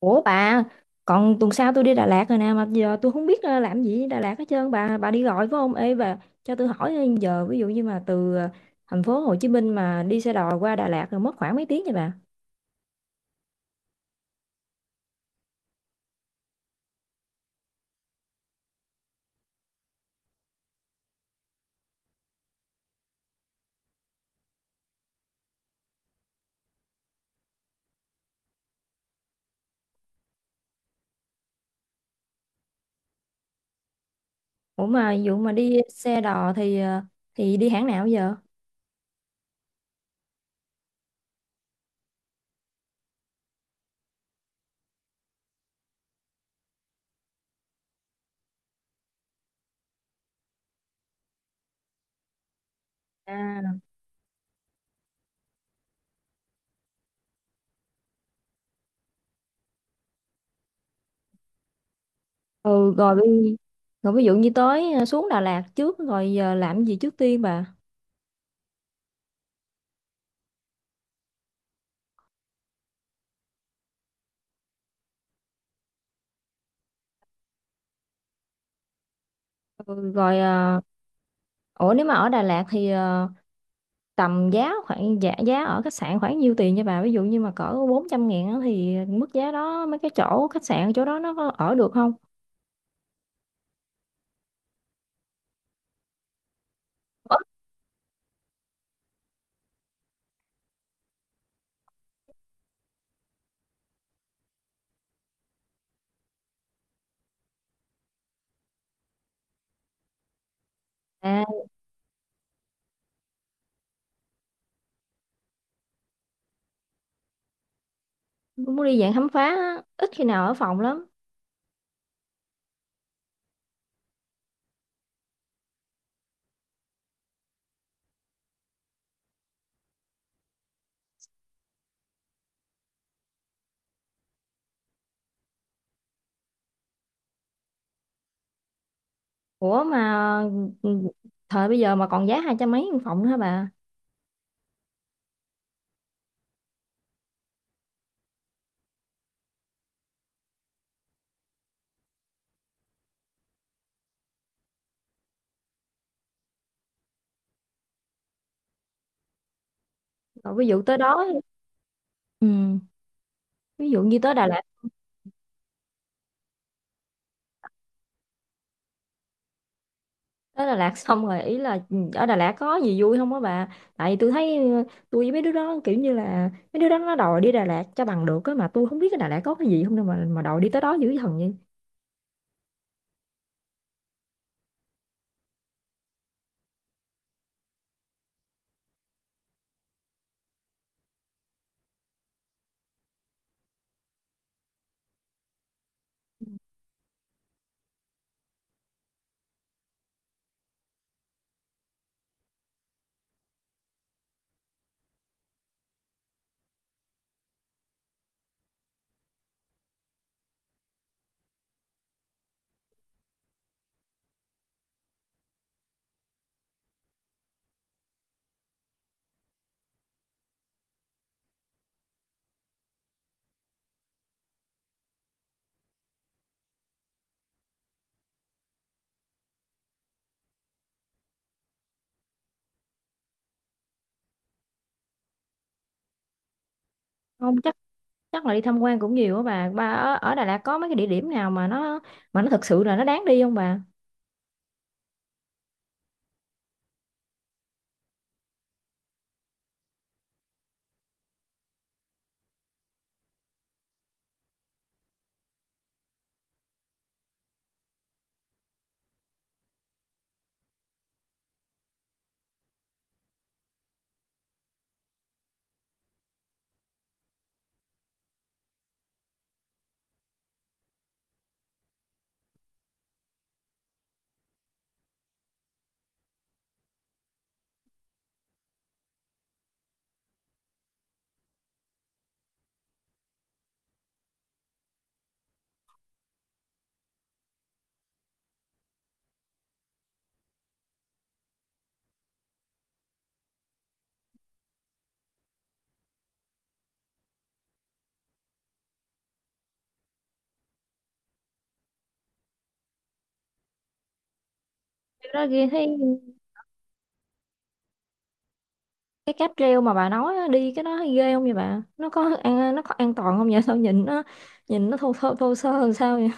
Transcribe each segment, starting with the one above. Ủa bà, còn tuần sau tôi đi Đà Lạt rồi nè mà giờ tôi không biết làm gì ở Đà Lạt hết trơn, bà đi gọi phải không? Ê bà, cho tôi hỏi giờ ví dụ như mà từ thành phố Hồ Chí Minh mà đi xe đò qua Đà Lạt rồi mất khoảng mấy tiếng vậy bà? Ủa mà ví dụ mà đi xe đò thì đi hãng nào giờ? À. Ừ, rồi đi, rồi ví dụ như tới xuống Đà Lạt trước rồi giờ làm gì trước tiên bà? Ừ, rồi ờ, ủa nếu mà ở Đà Lạt thì tầm giá khoảng giá ở khách sạn khoảng nhiêu tiền nha bà, ví dụ như mà cỡ 400 ngàn á thì mức giá đó mấy cái chỗ khách sạn chỗ đó nó có ở được không? Ủa? À, muốn đi dạng khám phá á, ít khi nào ở phòng lắm. ủa mà ừ, thời bây giờ mà còn giá hai trăm mấy một phòng nữa hả bà? Rồi ví dụ tới đó, ừ, ví dụ như tới Đà Lạt xong rồi ý là, ừ, ở Đà Lạt có gì vui không á bà? Tại vì tôi thấy, tôi với mấy đứa đó kiểu như là mấy đứa đó nó đòi đi Đà Lạt cho bằng được á, mà tôi không biết cái Đà Lạt có cái gì không đâu mà đòi đi tới đó dữ thần vậy. Không chắc, chắc là đi tham quan cũng nhiều á bà. Bà ở Đà Lạt có mấy cái địa điểm nào mà nó thực sự là nó đáng đi không bà? Cái đó ghê thấy. Cái cáp treo mà bà nói á, đi cái đó thấy ghê không vậy bà, nó có an, nó có an toàn không vậy? Sao nhìn nó, nhìn nó thô thô, thô sơ làm sao vậy.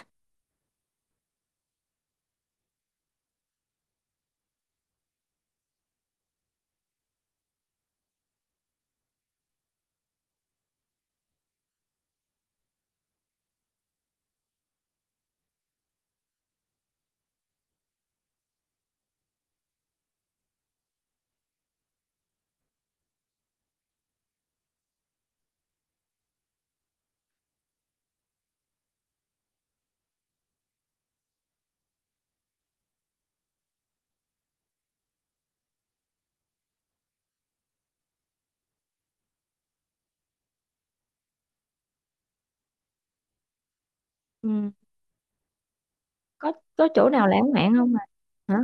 Ừ. có có chỗ nào lãng mạn không bà?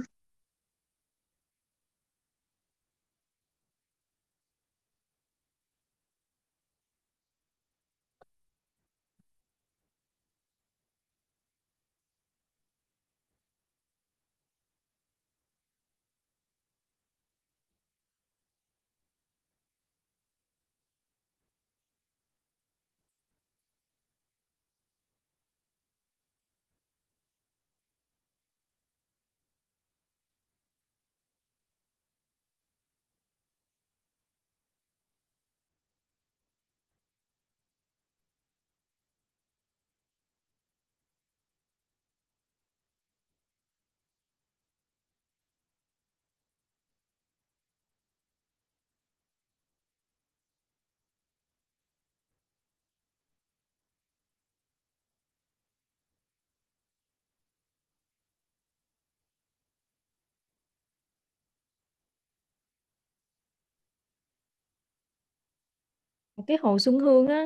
Cái hồ Xuân Hương á.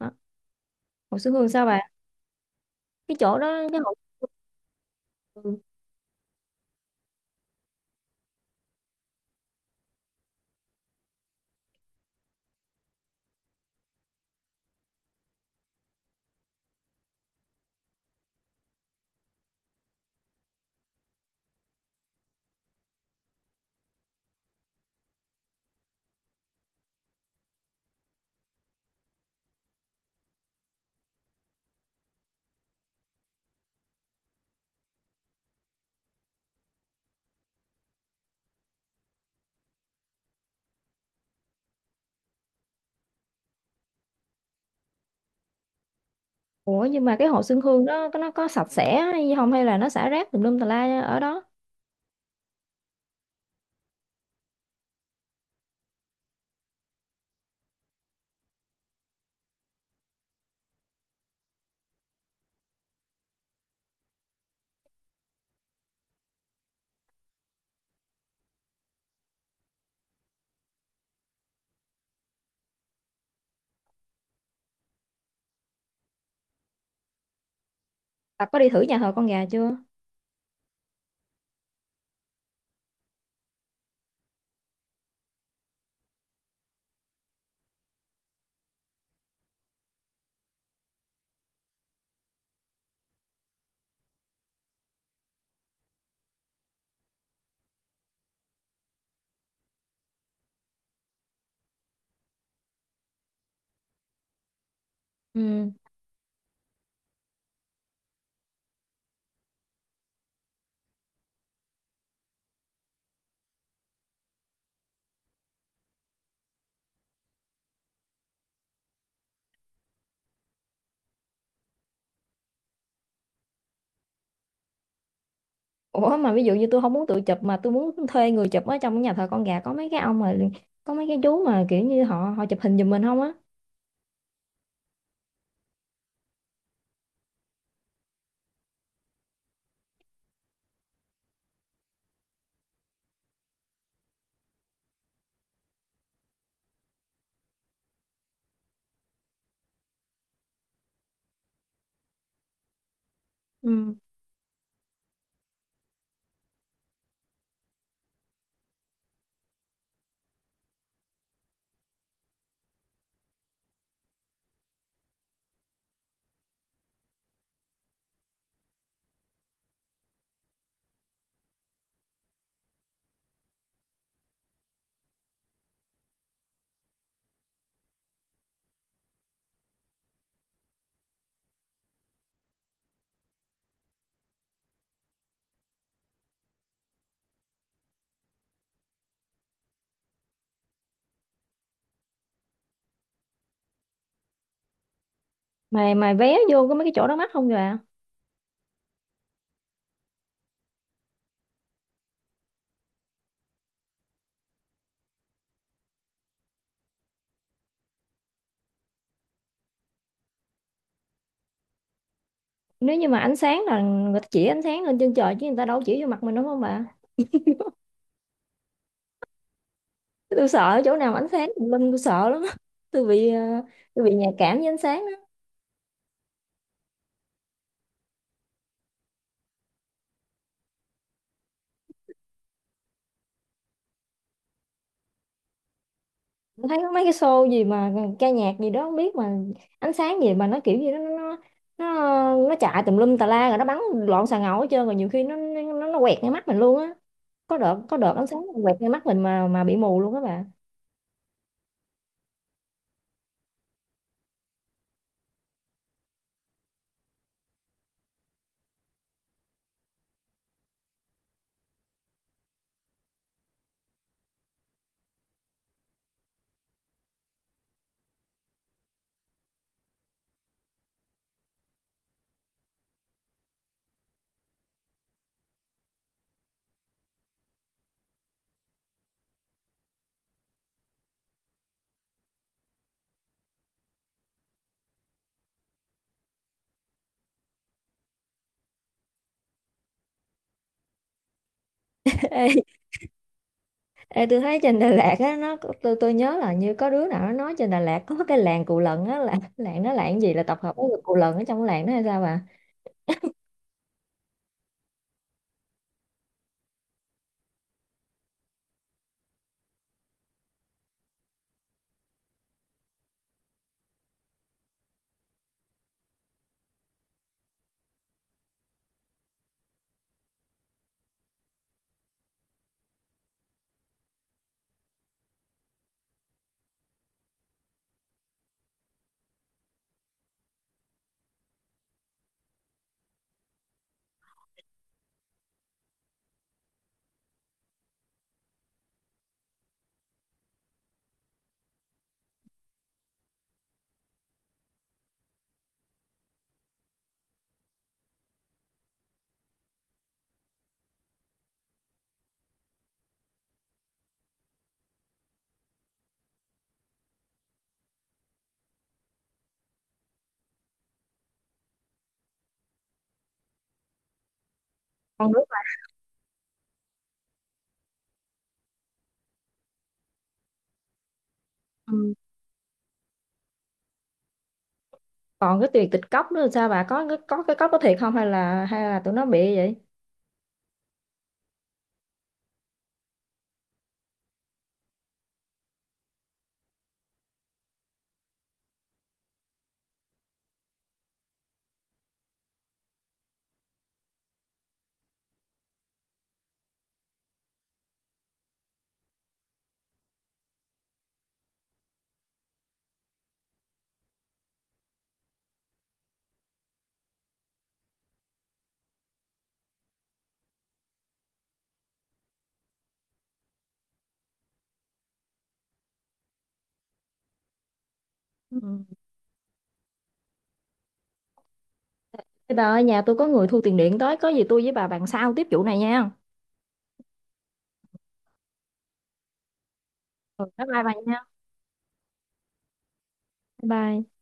Hả? Hồ Xuân Hương sao bà? Cái chỗ đó, cái hồ. Ừ. Ủa nhưng mà cái hồ Xuân Hương đó có, nó có sạch sẽ hay không, hay là nó xả rác tùm lum tà la ở đó? Bà có đi thử nhà thờ Con Gà chưa? Ừ. Ủa mà ví dụ như tôi không muốn tự chụp mà tôi muốn thuê người chụp, ở trong nhà thờ Con Gà có mấy cái ông mà, có mấy cái chú mà kiểu như họ, họ chụp hình giùm mình không á? Ừ. Mà vé vô có mấy cái chỗ đó mắc không bà? Nếu như mà ánh sáng là người ta chỉ ánh sáng lên trên trời chứ người ta đâu có chỉ vô mặt mình, đúng không bà? Tôi sợ chỗ nào mà ánh sáng tùm lum, tôi sợ lắm á. Tôi bị tôi bị nhạy cảm với ánh sáng đó. Tôi thấy có mấy cái show gì mà ca nhạc gì đó không biết, mà ánh sáng gì mà nó kiểu gì đó, nó chạy tùm lum tà la rồi nó bắn loạn xà ngầu hết trơn, rồi nhiều khi nó quẹt ngay mắt mình luôn á. Có đợt ánh sáng quẹt ngay mắt mình mà bị mù luôn á bà. Ê, ê, tôi thấy trên Đà Lạt á nó có, tôi nhớ là như có đứa nào nó nói trên Đà Lạt có cái làng Cù Lần á, là làng nó, làng gì là tập hợp của người Cù Lần ở trong cái làng đó hay sao bà? Con. Đứa. Còn cái tiền tịch cốc nữa là sao bà, có cái, có cái cốc có thiệt không, hay là, hay là tụi nó bị vậy? Ừ. Thế bà ơi, nhà tôi có người thu tiền điện tới, có gì tôi với bà bàn sau tiếp vụ này nha. Ừ, bye bye bà nha. Bye bye.